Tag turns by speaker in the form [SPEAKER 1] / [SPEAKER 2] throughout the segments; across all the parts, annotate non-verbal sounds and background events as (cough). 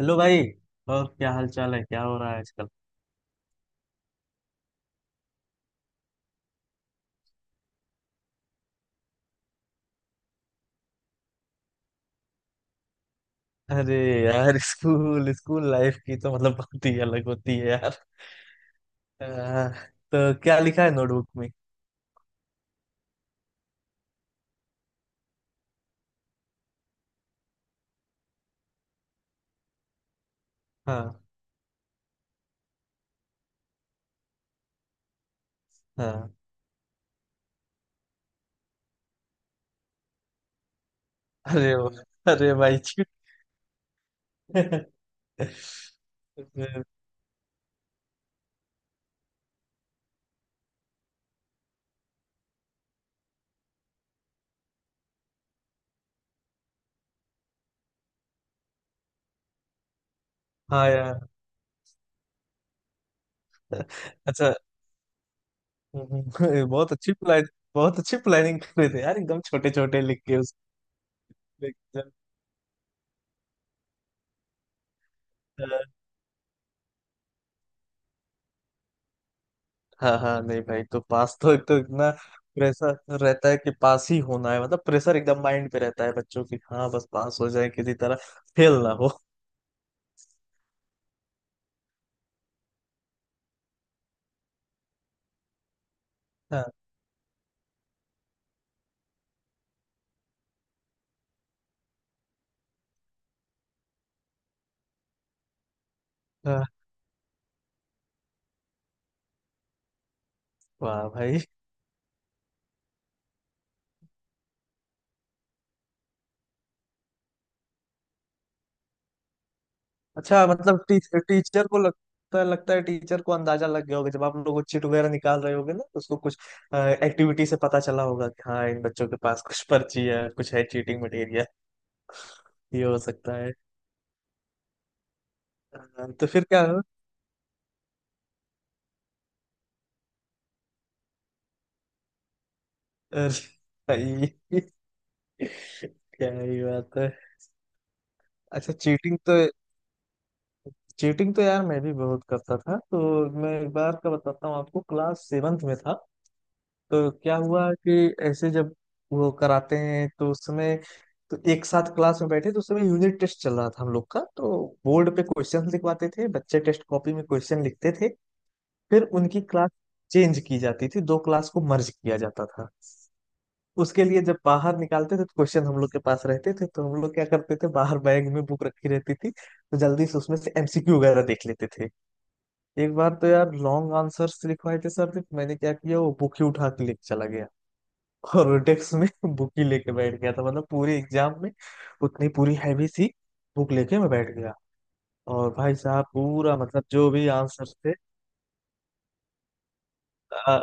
[SPEAKER 1] Hello भाई। और क्या हाल चाल है, क्या हो रहा है आजकल। अरे यार स्कूल स्कूल लाइफ की तो मतलब बात ही अलग होती है यार। आ, तो क्या लिखा है नोटबुक में। हाँ हाँ। अरे वाह, अरे भाई जी। हाँ यार। अच्छा। बहुत अच्छी प्लान। बहुत अच्छी प्लानिंग कर रहे थे यार एकदम छोटे छोटे लिख के उसको। हाँ हाँ, नहीं भाई तो पास तो एक तो इतना प्रेशर रहता है कि पास ही होना है, मतलब प्रेशर एकदम माइंड पे रहता है बच्चों की। हाँ बस पास हो जाए किसी तरह, फेल ना हो। हाँ। हाँ। वाह भाई। अच्छा मतलब टीचर को लगता है, लगता है टीचर को अंदाजा लग गया होगा जब आप लोग चिट वगैरह निकाल रहे होगे ना तो उसको कुछ एक्टिविटी से पता चला होगा कि हाँ इन बच्चों के पास कुछ पर्ची है, कुछ है चीटिंग मटेरियल। ये हो सकता है। हाँ, तो फिर क्या हो। अरे भाई, क्या ही बात है। अच्छा चीटिंग तो, चीटिंग तो यार मैं भी बहुत करता था। तो मैं एक बार का बताता हूँ आपको। क्लास सेवन्थ में था तो क्या हुआ कि ऐसे जब वो कराते हैं तो उस समय, तो एक साथ क्लास में बैठे तो उस समय यूनिट टेस्ट चल रहा था हम लोग का। तो बोर्ड पे क्वेश्चन लिखवाते थे, बच्चे टेस्ट कॉपी में क्वेश्चन लिखते थे। फिर उनकी क्लास चेंज की जाती थी, दो क्लास को मर्ज किया जाता था। उसके लिए जब बाहर निकालते थे तो क्वेश्चन हम लोग के पास रहते थे, तो हम लोग क्या करते थे बाहर बैग में बुक रखी रहती थी, तो जल्दी से उसमें से एमसीक्यू वगैरह देख लेते थे। एक बार तो यार लॉन्ग आंसर्स लिखवाए थे सर ने, तो मैंने क्या किया वो बुक ही उठा के लेके चला गया और डेस्क में (laughs) बुक ही लेके बैठ गया था मतलब पूरे एग्जाम में। उतनी पूरी हैवी सी बुक लेके मैं बैठ गया। और भाई साहब पूरा मतलब जो भी आंसर थे,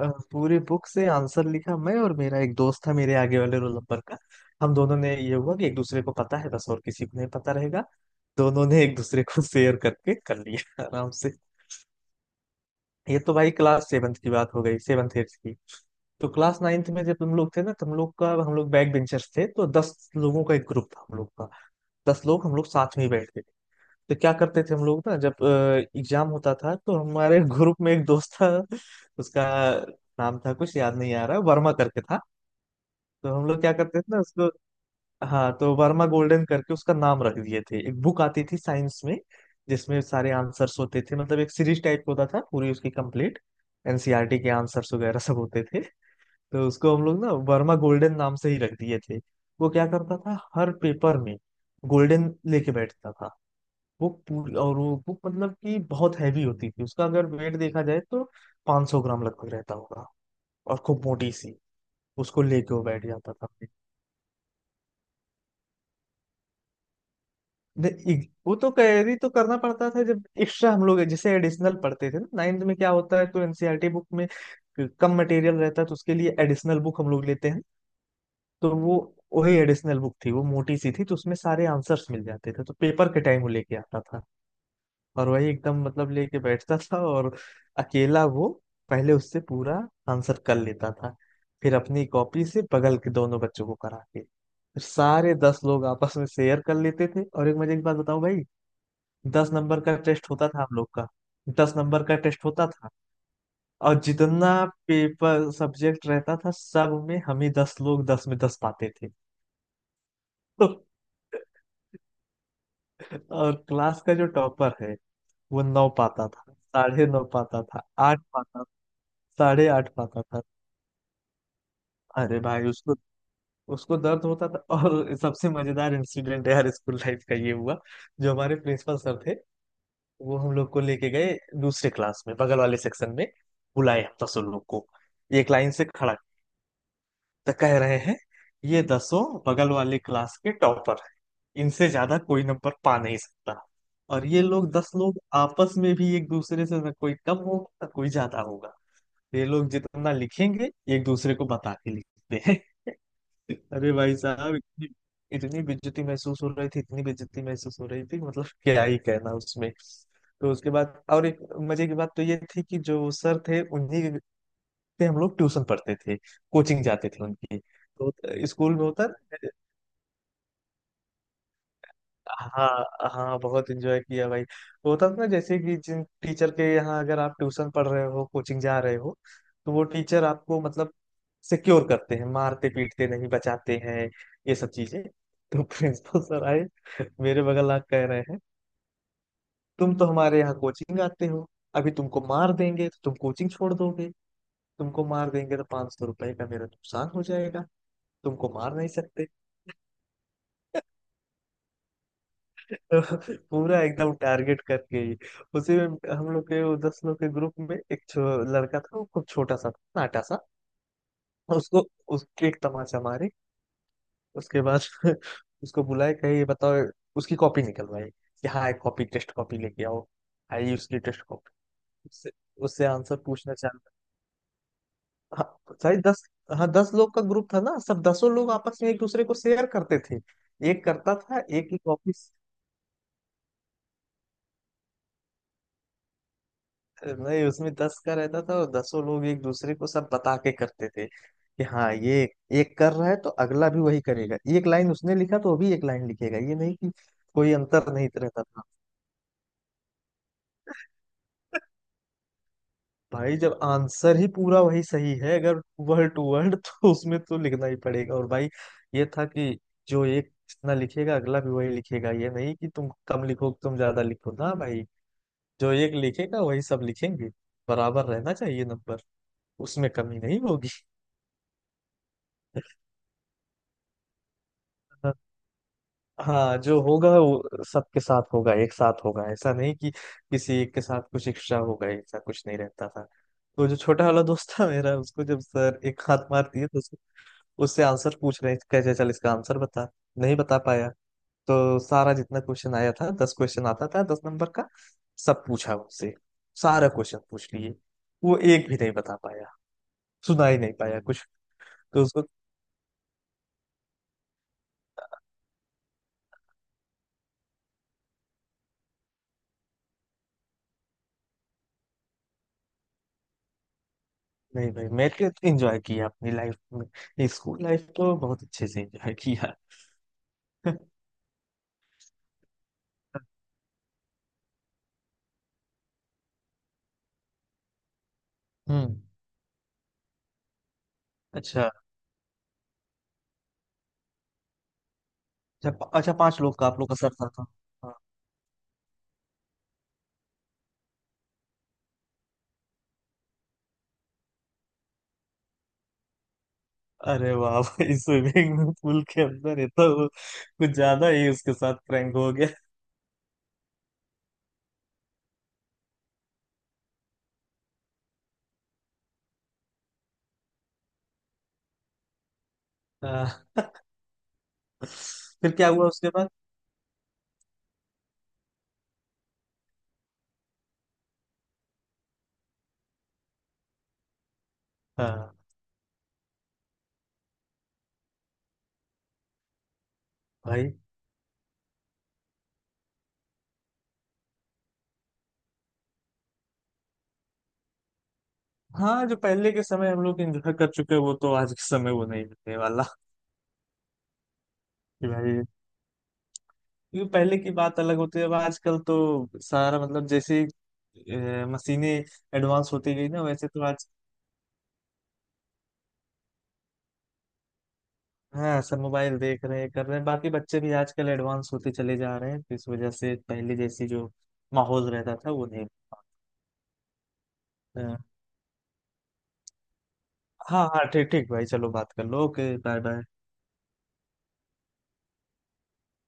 [SPEAKER 1] पूरी बुक से आंसर लिखा। मैं और मेरा एक दोस्त था मेरे आगे वाले रोल नंबर का। हम दोनों ने ये हुआ कि एक दूसरे को पता है बस, और किसी को नहीं पता रहेगा। दोनों ने एक दूसरे को शेयर करके कर लिया (laughs) आराम से। ये तो भाई क्लास सेवन्थ की बात हो गई, सेवन्थ एट्थ की। तो क्लास नाइन्थ में जब हम लोग थे ना, तो हम लोग का हम लोग बैक बेंचर्स थे, तो 10 लोगों का एक ग्रुप था हम लोग का। दस लोग हम लोग साथ में ही बैठते थे। तो क्या करते थे हम लोग ना जब एग्जाम होता था तो हमारे (laughs) ग्रुप में एक दोस्त था। उसका नाम था कुछ याद नहीं आ रहा, वर्मा करके था। तो हम लोग क्या करते थे ना उसको, हाँ तो वर्मा गोल्डन करके उसका नाम रख दिए थे। एक बुक आती थी साइंस में जिसमें सारे आंसर्स होते थे, मतलब एक सीरीज टाइप का होता था पूरी उसकी कंप्लीट, एनसीईआरटी के आंसर्स वगैरह सब होते थे। तो उसको हम लोग ना वर्मा गोल्डन नाम से ही रख दिए थे। वो क्या करता था हर पेपर में गोल्डन लेके बैठता था। वो पूरी और वो बुक मतलब कि बहुत हैवी होती थी, उसका अगर वेट देखा जाए तो 500 ग्राम लगभग रहता होगा। और खूब मोटी सी, उसको लेके वो बैठ जाता था। नहीं, वो तो कैरी तो करना पड़ता था जब एक्स्ट्रा हम लोग जैसे एडिशनल पढ़ते थे ना नाइन्थ में, क्या होता है तो एनसीईआरटी बुक में कम मटेरियल रहता है तो उसके लिए एडिशनल बुक हम लोग लेते हैं। तो वो, वही एडिशनल बुक थी, वो मोटी सी थी तो उसमें सारे आंसर्स मिल जाते थे, तो पेपर के टाइम वो लेके आता था और वही एकदम मतलब लेके बैठता था। और अकेला वो पहले उससे पूरा आंसर कर लेता था, फिर अपनी कॉपी से बगल के दोनों बच्चों को करा के, फिर सारे दस लोग आपस में शेयर कर लेते थे। और एक मजे की बात बताऊं भाई, 10 नंबर का टेस्ट होता था हम लोग का। दस नंबर का टेस्ट होता था। और जितना पेपर सब्जेक्ट रहता था सब में हम ही दस लोग दस में दस पाते थे। तो, और क्लास का जो टॉपर है वो नौ पाता था, साढ़े नौ पाता था, आठ पाता, साढ़े आठ पाता था। अरे भाई उसको, उसको दर्द होता था। और सबसे मजेदार इंसिडेंट यार स्कूल लाइफ का ये हुआ, जो हमारे प्रिंसिपल सर थे वो हम लोग को लेके गए दूसरे क्लास में बगल वाले सेक्शन में। बुलाए हम दसों लोग को, एक लाइन से खड़ा। तो कह रहे हैं ये दसों बगल वाले क्लास के टॉपर हैं, इनसे ज्यादा कोई नंबर पा नहीं सकता। और ये लोग दस लोग आपस में भी एक दूसरे से न कोई कम होगा न कोई ज्यादा होगा, ये लोग जितना लिखेंगे एक दूसरे को बता के लिखते हैं। अरे भाई साहब इतनी इतनी बेइज्जती महसूस हो रही थी, इतनी बेइज्जती महसूस हो रही थी, मतलब क्या ही कहना उसमें। तो उसके बाद और एक मजे की बात तो ये थी कि जो सर थे उन्हीं से हम लोग ट्यूशन पढ़ते थे, कोचिंग जाते थे उनकी। तो स्कूल में होता। हाँ हाँ बहुत एंजॉय किया भाई। वो था ना जैसे कि जिन टीचर के यहाँ अगर आप ट्यूशन पढ़ रहे हो, कोचिंग जा रहे हो, तो वो टीचर आपको मतलब सिक्योर करते हैं, मारते पीटते नहीं, बचाते हैं ये सब चीजें। तो प्रिंसिपल सर आए मेरे बगल, आ कह रहे हैं तुम तो हमारे यहाँ कोचिंग आते हो, अभी तुमको मार देंगे तो तुम कोचिंग छोड़ दोगे, तुमको मार देंगे तो 500 रुपए का मेरा नुकसान हो जाएगा, तुमको मार नहीं सकते। तो पूरा एकदम टारगेट करके ही। उसी में हम लोग के वो दस लोग के ग्रुप में एक लड़का था वो खूब छोटा सा था, नाटा सा। उसको, उसके एक तमाचा मारे उसके बाद (laughs) उसको बुलाए कहे ये बताओ। उसकी कॉपी निकलवाई कि हाँ एक कॉपी, टेस्ट कॉपी लेके आओ। आई उसकी टेस्ट कॉपी। उससे उससे आंसर पूछना चाहता। हाँ सारी दस, हाँ दस लोग का ग्रुप था ना, सब दसों लोग आपस में एक दूसरे को शेयर करते थे। एक करता था एक की कॉपी, नहीं उसमें दस का रहता था और दसों लोग एक दूसरे को सब बता के करते थे कि हाँ ये एक कर रहा है तो अगला भी वही करेगा, एक लाइन उसने लिखा तो अभी एक लाइन लिखेगा, ये नहीं कि कोई अंतर नहीं रहता था। भाई जब आंसर ही पूरा वही सही है अगर वर्ड टू वर्ड (laughs) तो उसमें तो लिखना ही पड़ेगा। और भाई ये था कि जो एक जितना लिखेगा अगला भी वही लिखेगा, ये नहीं कि तुम कम लिखो तुम ज्यादा लिखो ना भाई, जो एक लिखेगा वही सब लिखेंगे, बराबर रहना चाहिए नंबर, उसमें कमी नहीं होगी। (laughs) हाँ जो होगा वो सबके साथ होगा, एक साथ होगा, ऐसा नहीं कि किसी एक के साथ कुछ एक्स्ट्रा होगा, ऐसा कुछ नहीं रहता था। तो जो छोटा वाला दोस्त था मेरा उसको जब सर एक हाथ मार दिए तो उसको, उससे आंसर पूछ रहे हैं, कैसे चल इसका आंसर बता। नहीं बता पाया। तो सारा जितना क्वेश्चन आया था, 10 क्वेश्चन आता था दस नंबर का, सब पूछा उससे, सारा क्वेश्चन पूछ लिए, वो एक भी नहीं बता पाया, सुना ही नहीं पाया कुछ। तो उसको, नहीं भाई मैंने तो एंजॉय किया अपनी लाइफ में, स्कूल लाइफ तो बहुत अच्छे से एंजॉय किया। हम्म। अच्छा। अच्छा अच्छा पांच लोग का आप लोग का सर था। हाँ। अरे वाह भाई स्विमिंग पूल के अंदर, ये तो कुछ ज्यादा ही उसके साथ प्रैंक हो गया। हाँ, फिर क्या हुआ उसके बाद। हाँ। भाई, हाँ जो पहले के समय हम लोग एंजॉय कर चुके हैं, वो तो आज के समय वो नहीं मिलने वाला। कि भाई, क्योंकि पहले की बात अलग होती है, अब आजकल तो सारा मतलब जैसे मशीनें एडवांस होती गई ना वैसे तो आज। हाँ सब मोबाइल देख रहे हैं कर रहे हैं, बाकी बच्चे भी आजकल एडवांस होते चले जा रहे हैं तो इस वजह से पहले जैसी जो माहौल रहता था वो नहीं। अ, हाँ हाँ ठीक ठीक भाई चलो बात कर लो, ओके बाय बाय।